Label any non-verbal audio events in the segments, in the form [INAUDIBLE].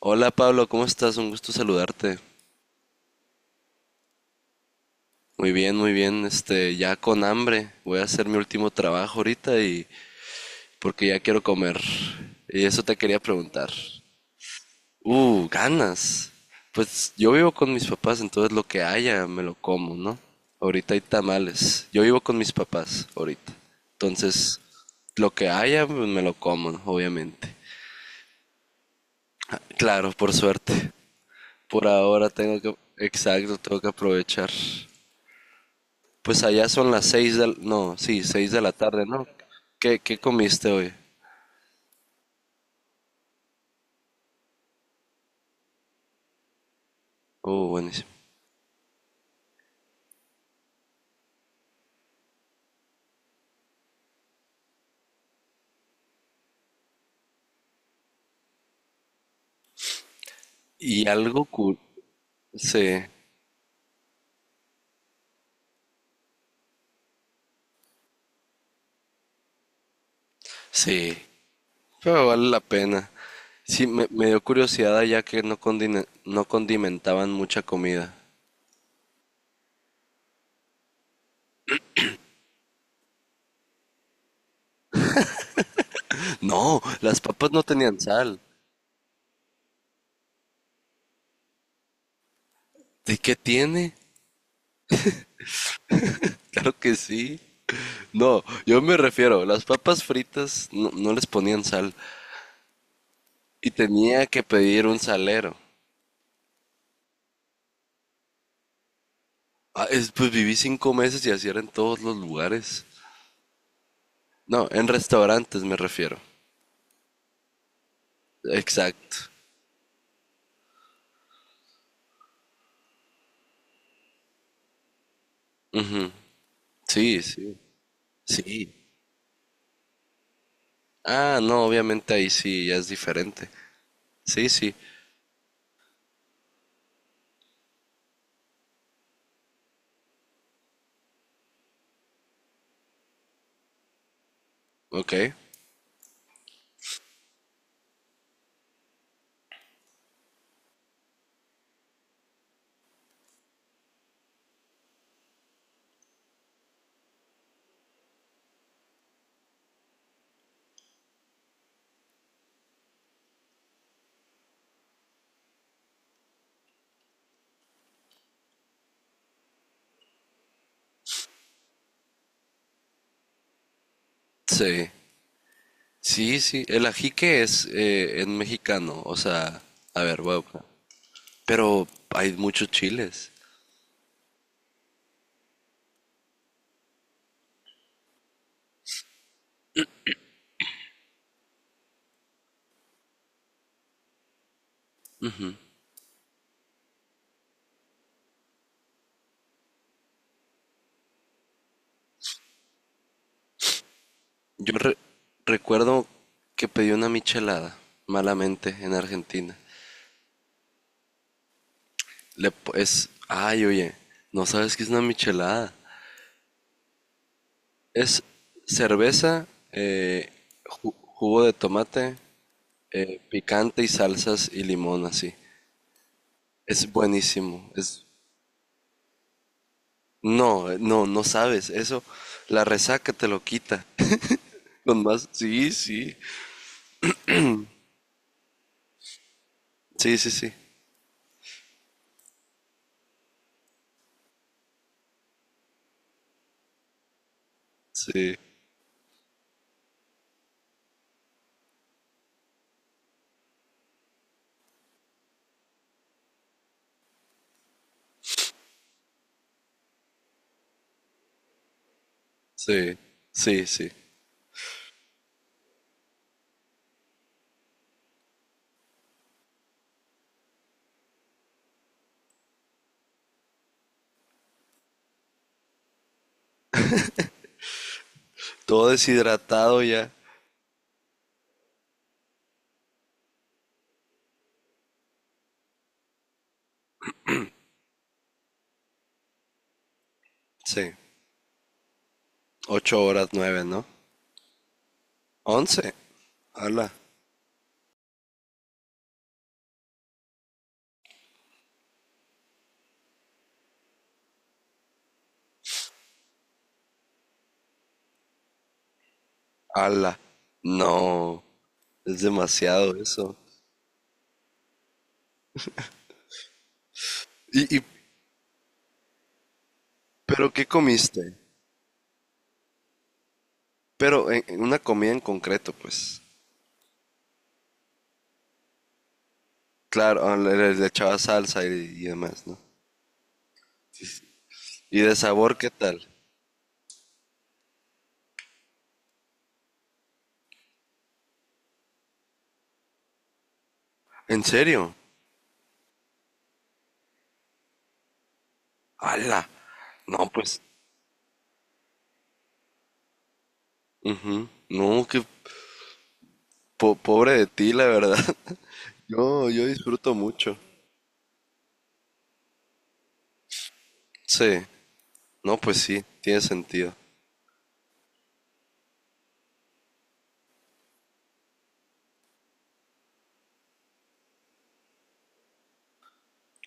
Hola Pablo, ¿cómo estás? Un gusto saludarte. Muy bien, muy bien. Este, ya con hambre. Voy a hacer mi último trabajo ahorita y porque ya quiero comer. Y eso te quería preguntar. Ganas. Pues yo vivo con mis papás, entonces lo que haya me lo como, ¿no? Ahorita hay tamales. Yo vivo con mis papás ahorita. Entonces, lo que haya pues, me lo como, obviamente. Ah, claro, por suerte. Por ahora tengo que... Exacto, tengo que aprovechar. Pues allá son las seis de, no, sí, seis de la tarde, ¿no? ¿Qué, qué comiste hoy? Oh, buenísimo. Y algo cool. Sí, sí, pero vale la pena. Sí, me dio curiosidad ya que no, no condimentaban mucha comida. No, las papas no tenían sal. ¿De qué tiene? Claro que sí. No, yo me refiero, las papas fritas no, no les ponían sal y tenía que pedir un salero. Pues viví 5 meses y así era en todos los lugares. No, en restaurantes me refiero. Exacto. Ujú. Sí, sí, sí. Ah, no, obviamente ahí sí, ya es diferente. Sí, sí, ok. Sí, sí, sí. El ajique es en mexicano, o sea, a ver, voy a buscar. Pero hay muchos chiles. Yo re- Recuerdo que pedí una michelada, malamente, en Argentina. Es, ay, oye, ¿no sabes qué es una michelada? Es cerveza, jugo de tomate, picante y salsas y limón así. Es buenísimo. Es no, no, no sabes eso. La resaca te lo quita. [LAUGHS] Con más, sí, sí, sí, sí, sí, sí, sí, sí, sí. Todo deshidratado ya. Sí. Ocho horas, nueve, ¿no? Once. Ala, ala. No. Es demasiado eso. Y, y, ¿Pero qué comiste? Pero en una comida en concreto, pues. Claro, ah, le echaba salsa y demás, ¿no? ¿Y de sabor qué tal? ¿En serio? ¡Hala! No, pues. Ujú. No, qué pobre de ti, la verdad. [LAUGHS] Yo disfruto mucho. Sí. No, pues sí, tiene sentido.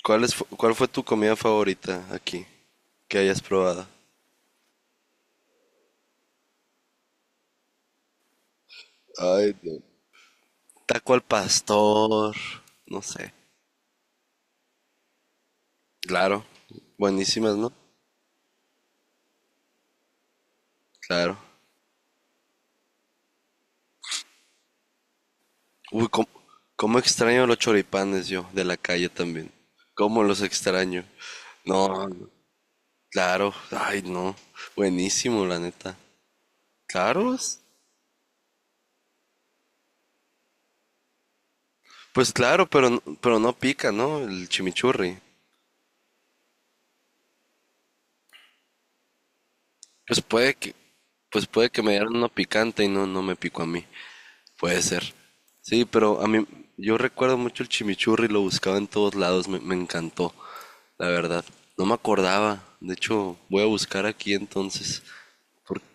¿Cuál es, cuál fue tu comida favorita aquí que hayas probado? Ay, Dios. Taco al pastor. No sé. Claro. Buenísimas, ¿no? Claro. Uy, cómo extraño los choripanes yo, de la calle también. Cómo los extraño. No, claro, ay no, buenísimo la neta. Claro, es- pues claro, pero, pero no pica, ¿no? El chimichurri. Pues puede que, pues puede que me dieran uno picante y no, no me picó a mí. Puede ser. Sí, pero a mí, yo recuerdo mucho el chimichurri, lo buscaba en todos lados, me encantó, la verdad. No me acordaba, de hecho, voy a buscar aquí entonces, porque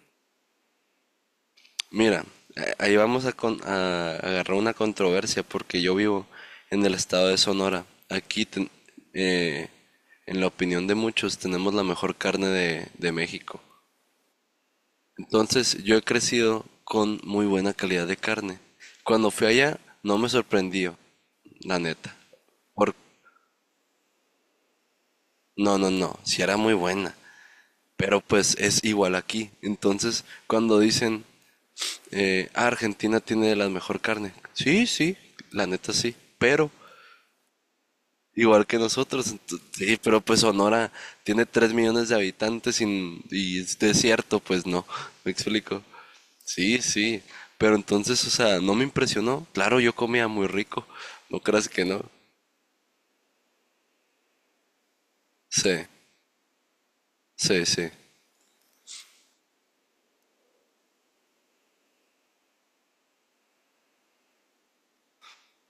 mira, ahí vamos a, a agarrar una controversia porque yo vivo en el estado de Sonora. Aquí, eh, en la opinión de muchos, tenemos la mejor carne de México. Entonces, yo he crecido con muy buena calidad de carne. Cuando fui allá, no me sorprendió, la neta. Por... No, no, no, si era muy buena. Pero pues es igual aquí. Entonces, cuando dicen, "Ah, Argentina tiene la mejor carne. Sí, sí, la neta sí, pero igual que nosotros. Sí, pero pues Sonora tiene 3 millones de habitantes y es desierto, pues no, me explico. Sí, sí, pero entonces, o sea, no me impresionó. Claro, yo comía muy rico, no creas que no. Sí, sí, sí.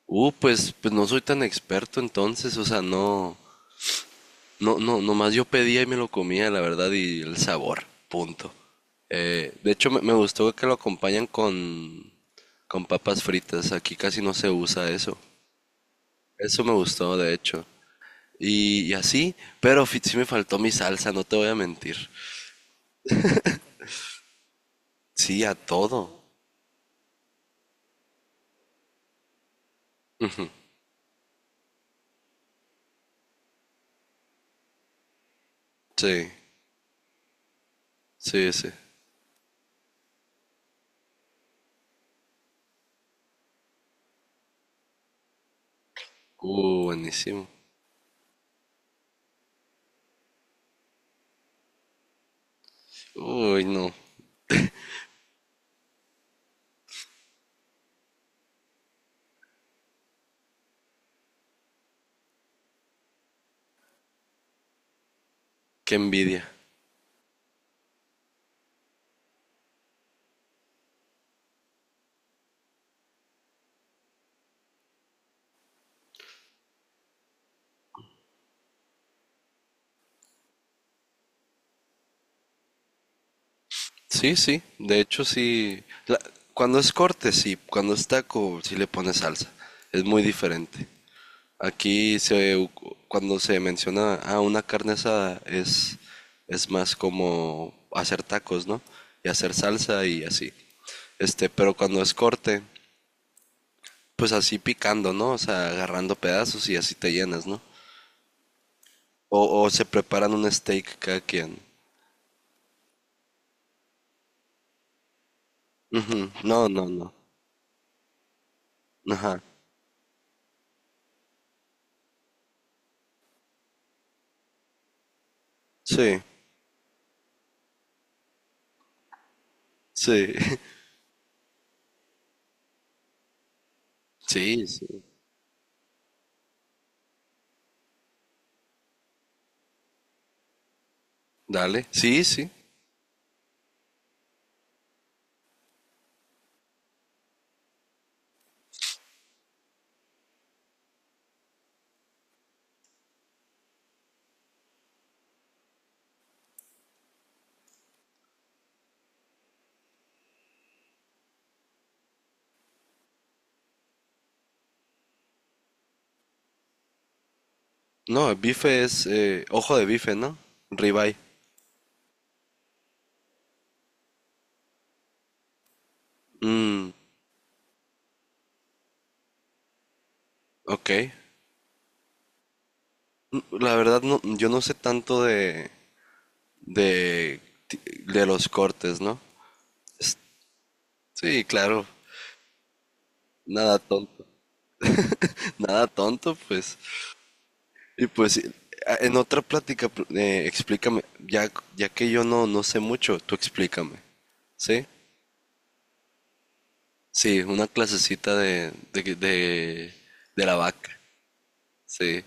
Pues, pues no soy tan experto entonces, o sea, no, no, no, nomás yo pedía y me lo comía, la verdad, y el sabor, punto. De hecho, me gustó que lo acompañan con papas fritas. Aquí casi no se usa eso. Eso me gustó, de hecho. Y así, pero sí me faltó mi salsa, no te voy a mentir. Sí, a todo. Sí, sí, sí. Buenísimo. Uy, no, qué envidia. Sí, sí, de hecho sí. Cuando es corte, sí, cuando es taco, sí le pones salsa. Es muy diferente. Aquí se, u- cuando se menciona a una carne asada es más como hacer tacos, ¿no? Y hacer salsa y así. Este, pero cuando es corte, pues así picando, ¿no? O sea, agarrando pedazos y así te llenas, ¿no? O se preparan un steak cada quien. Ujú. No, no, no. Ajá. Sí, sí, [LAUGHS] sí, sí. Dale, sí, sí. No, el bife es ojo de bife, ¿no? Ribeye. Mm, ok. La verdad, no, yo no sé tanto de, ti- de los cortes, ¿no? Es- Sí, claro. Nada tonto. [LAUGHS] Nada tonto, pues. Y pues, en otra plática, explícame. Ya, ya que yo no, no sé mucho, tú explícame. ¿Sí? Sí, una clasecita de la vaca. Sí.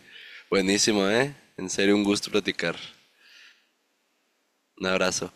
Buenísimo, ¿eh? En serio, un gusto platicar. Un abrazo.